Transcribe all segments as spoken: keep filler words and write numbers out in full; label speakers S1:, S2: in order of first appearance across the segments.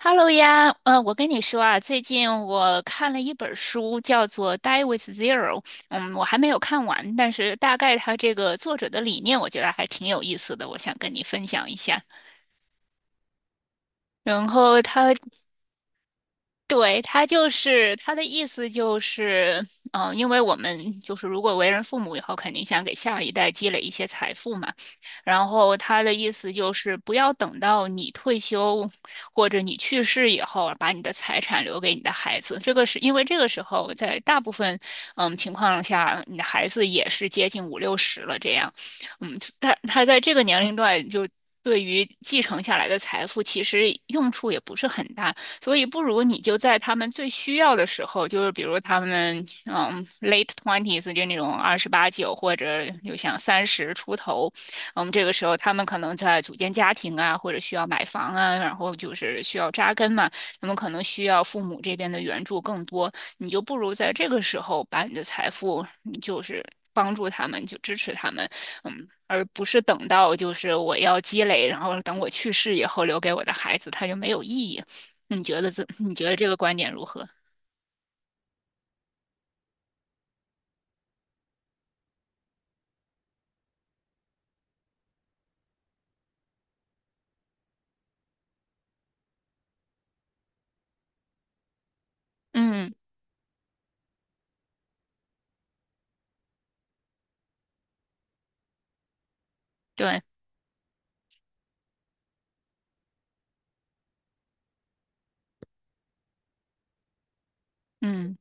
S1: Hello 呀，呃，我跟你说啊，最近我看了一本书，叫做《Die with Zero》，嗯，我还没有看完，但是大概它这个作者的理念，我觉得还挺有意思的，我想跟你分享一下。然后它对，他就是他的意思就是，嗯、因为我们就是如果为人父母以后，肯定想给下一代积累一些财富嘛。然后他的意思就是，不要等到你退休或者你去世以后，把你的财产留给你的孩子。这个是因为这个时候，在大部分嗯情况下，你的孩子也是接近五六十了这样。嗯，他他在这个年龄段就。对于继承下来的财富，其实用处也不是很大。所以不如你就在他们最需要的时候，就是比如他们嗯 late twenties 就那种二十八九或者就像三十出头，嗯，这个时候他们可能在组建家庭啊，或者需要买房啊，然后就是需要扎根嘛，他们可能需要父母这边的援助更多，你就不如在这个时候把你的财富就是。帮助他们，就支持他们，嗯，而不是等到就是我要积累，然后等我去世以后留给我的孩子，他就没有意义。你觉得这 你觉得这个观点如何？嗯，对，嗯。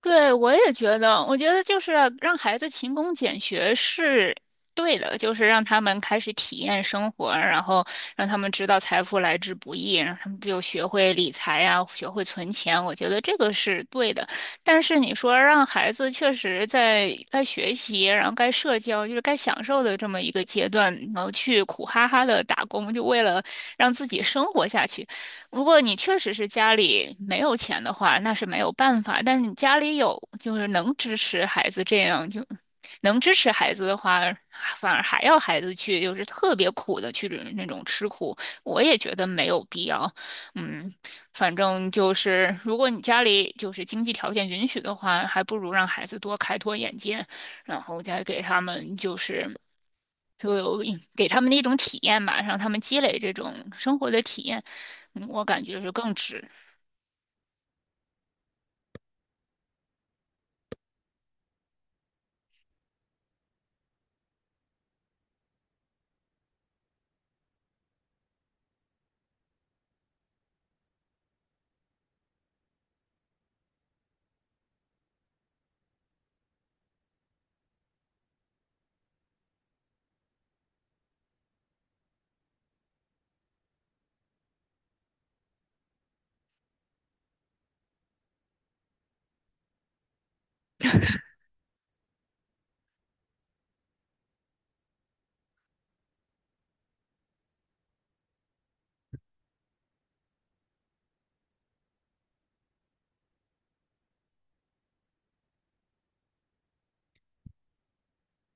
S1: 对，我也觉得，我觉得就是让孩子勤工俭学是对的，就是让他们开始体验生活，然后让他们知道财富来之不易，让他们就学会理财呀，学会存钱。我觉得这个是对的。但是你说让孩子确实在该学习，然后该社交，就是该享受的这么一个阶段，然后去苦哈哈的打工，就为了让自己生活下去。如果你确实是家里没有钱的话，那是没有办法。但是你家里有，就是能支持孩子这样，就能支持孩子的话，反而还要孩子去，就是特别苦的去那种吃苦，我也觉得没有必要。嗯，反正就是，如果你家里就是经济条件允许的话，还不如让孩子多开拓眼界，然后再给他们就是。就有一给他们的一种体验吧，让他们积累这种生活的体验，嗯我感觉是更值。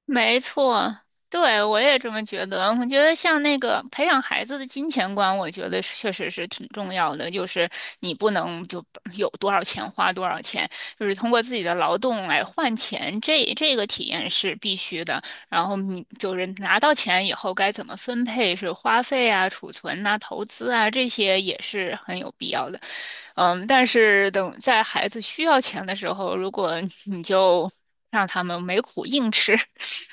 S1: 没错，对，我也这么觉得。我觉得像那个培养孩子的金钱观，我觉得是确实是挺重要的。就是你不能就有多少钱花多少钱，就是通过自己的劳动来换钱，这这个体验是必须的。然后你就是拿到钱以后该怎么分配，是花费啊、储存呐、投资啊，这些也是很有必要的。嗯，但是等在孩子需要钱的时候，如果你就让他们没苦硬吃，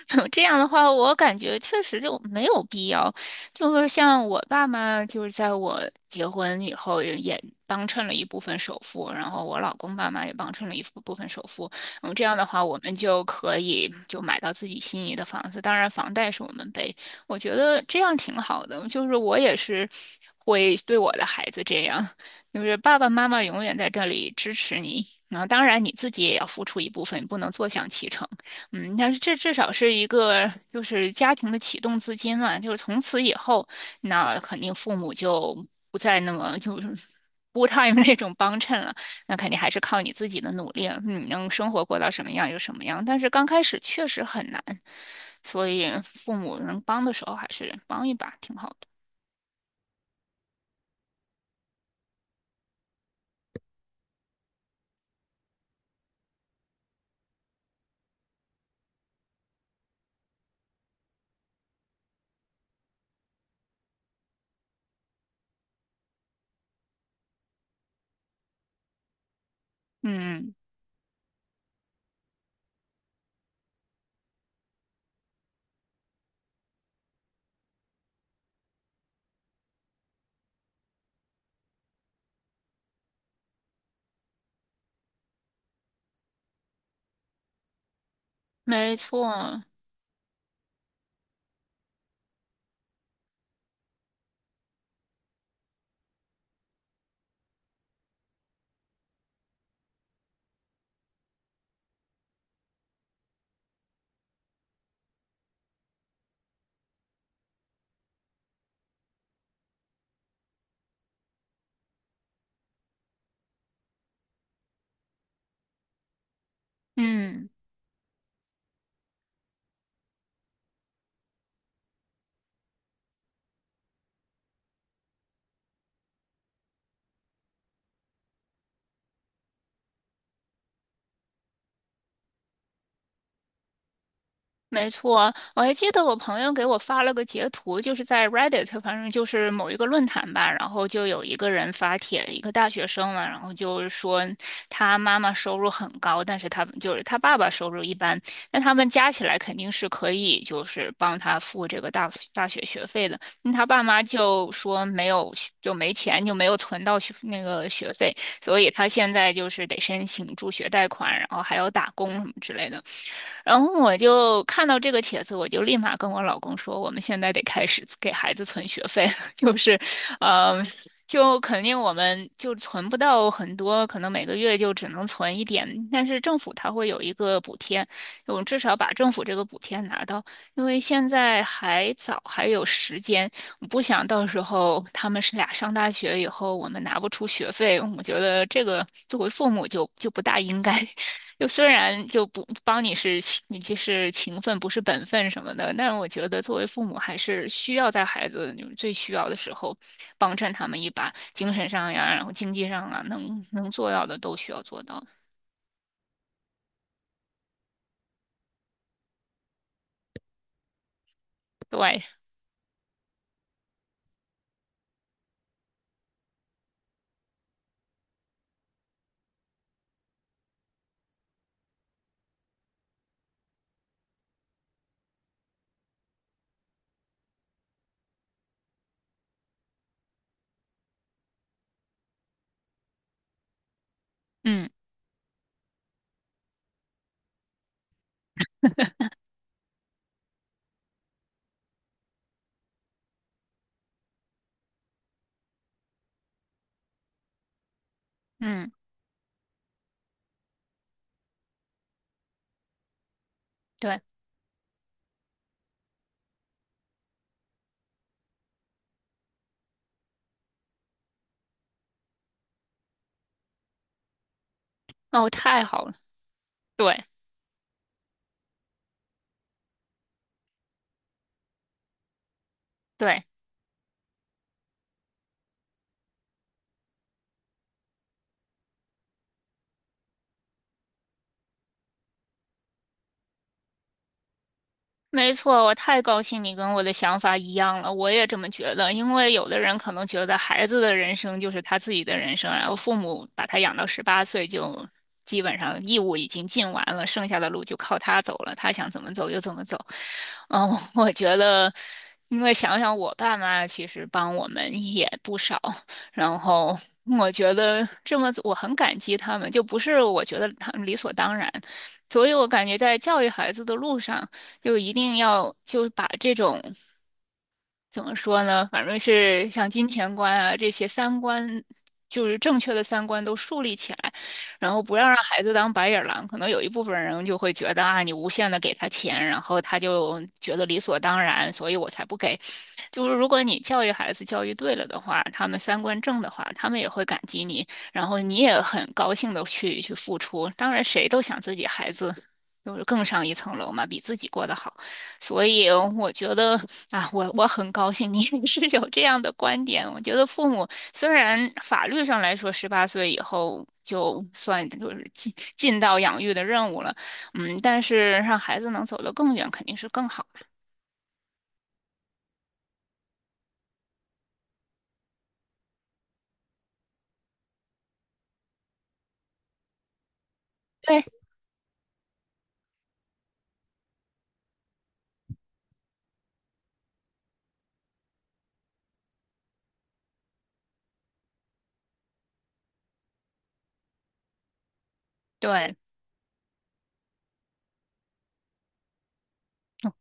S1: 这样的话，我感觉确实就没有必要。就是像我爸妈，就是在我结婚以后也也帮衬了一部分首付，然后我老公爸妈也帮衬了一部分首付。嗯，这样的话，我们就可以就买到自己心仪的房子。当然，房贷是我们背，我觉得这样挺好的。就是我也是会对我的孩子这样，就是爸爸妈妈永远在这里支持你。然后，当然你自己也要付出一部分，不能坐享其成。嗯，但是这至少是一个就是家庭的启动资金嘛，就是从此以后，那肯定父母就不再那么就是 f u time 那种帮衬了，那肯定还是靠你自己的努力了，你能生活过到什么样就什么样。但是刚开始确实很难，所以父母能帮的时候还是帮一把挺好的。嗯，没错，嗯。没错，我还记得我朋友给我发了个截图，就是在 Reddit，反正就是某一个论坛吧，然后就有一个人发帖，一个大学生嘛，然后就是说他妈妈收入很高，但是他就是他爸爸收入一般，那他们加起来肯定是可以就是帮他付这个大大学学费的。那他爸妈就说没有就没钱，就没有存到学那个学费，所以他现在就是得申请助学贷款，然后还要打工什么之类的。然后我就看到这个帖子，我就立马跟我老公说，我们现在得开始给孩子存学费了，就是，嗯、就肯定我们就存不到很多，可能每个月就只能存一点，但是政府它会有一个补贴，我们至少把政府这个补贴拿到，因为现在还早，还有时间，我不想到时候他们是俩上大学以后，我们拿不出学费，我觉得这个作为父母就就不大应该。就虽然就不帮你是你就是情分不是本分什么的，但是我觉得作为父母还是需要在孩子就是最需要的时候帮衬他们一把，精神上呀，然后经济上啊，能能做到的都需要做到。对，嗯嗯，对，哦，太好了，对对。没错，我太高兴你跟我的想法一样了，我也这么觉得。因为有的人可能觉得孩子的人生就是他自己的人生，然后父母把他养到十八岁就基本上义务已经尽完了，剩下的路就靠他走了，他想怎么走就怎么走。嗯，我觉得，因为想想我爸妈其实帮我们也不少，然后我觉得这么我很感激他们，就不是我觉得他们理所当然。所以我感觉在教育孩子的路上，就一定要就把这种怎么说呢，反正是像金钱观啊这些三观，就是正确的三观都树立起来，然后不要让孩子当白眼狼。可能有一部分人就会觉得啊，你无限的给他钱，然后他就觉得理所当然，所以我才不给。就是如果你教育孩子教育对了的话，他们三观正的话，他们也会感激你，然后你也很高兴的去去付出。当然，谁都想自己孩子就是更上一层楼嘛，比自己过得好。所以我觉得啊，我我很高兴你也是有这样的观点。我觉得父母虽然法律上来说，十八岁以后就算就是尽尽到养育的任务了，嗯，但是让孩子能走得更远，肯定是更好嘛。对，对，嗯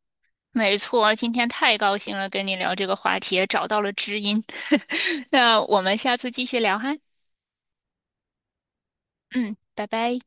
S1: 没错。今天太高兴了，跟你聊这个话题，也找到了知音。那我们下次继续聊哈。嗯，拜拜。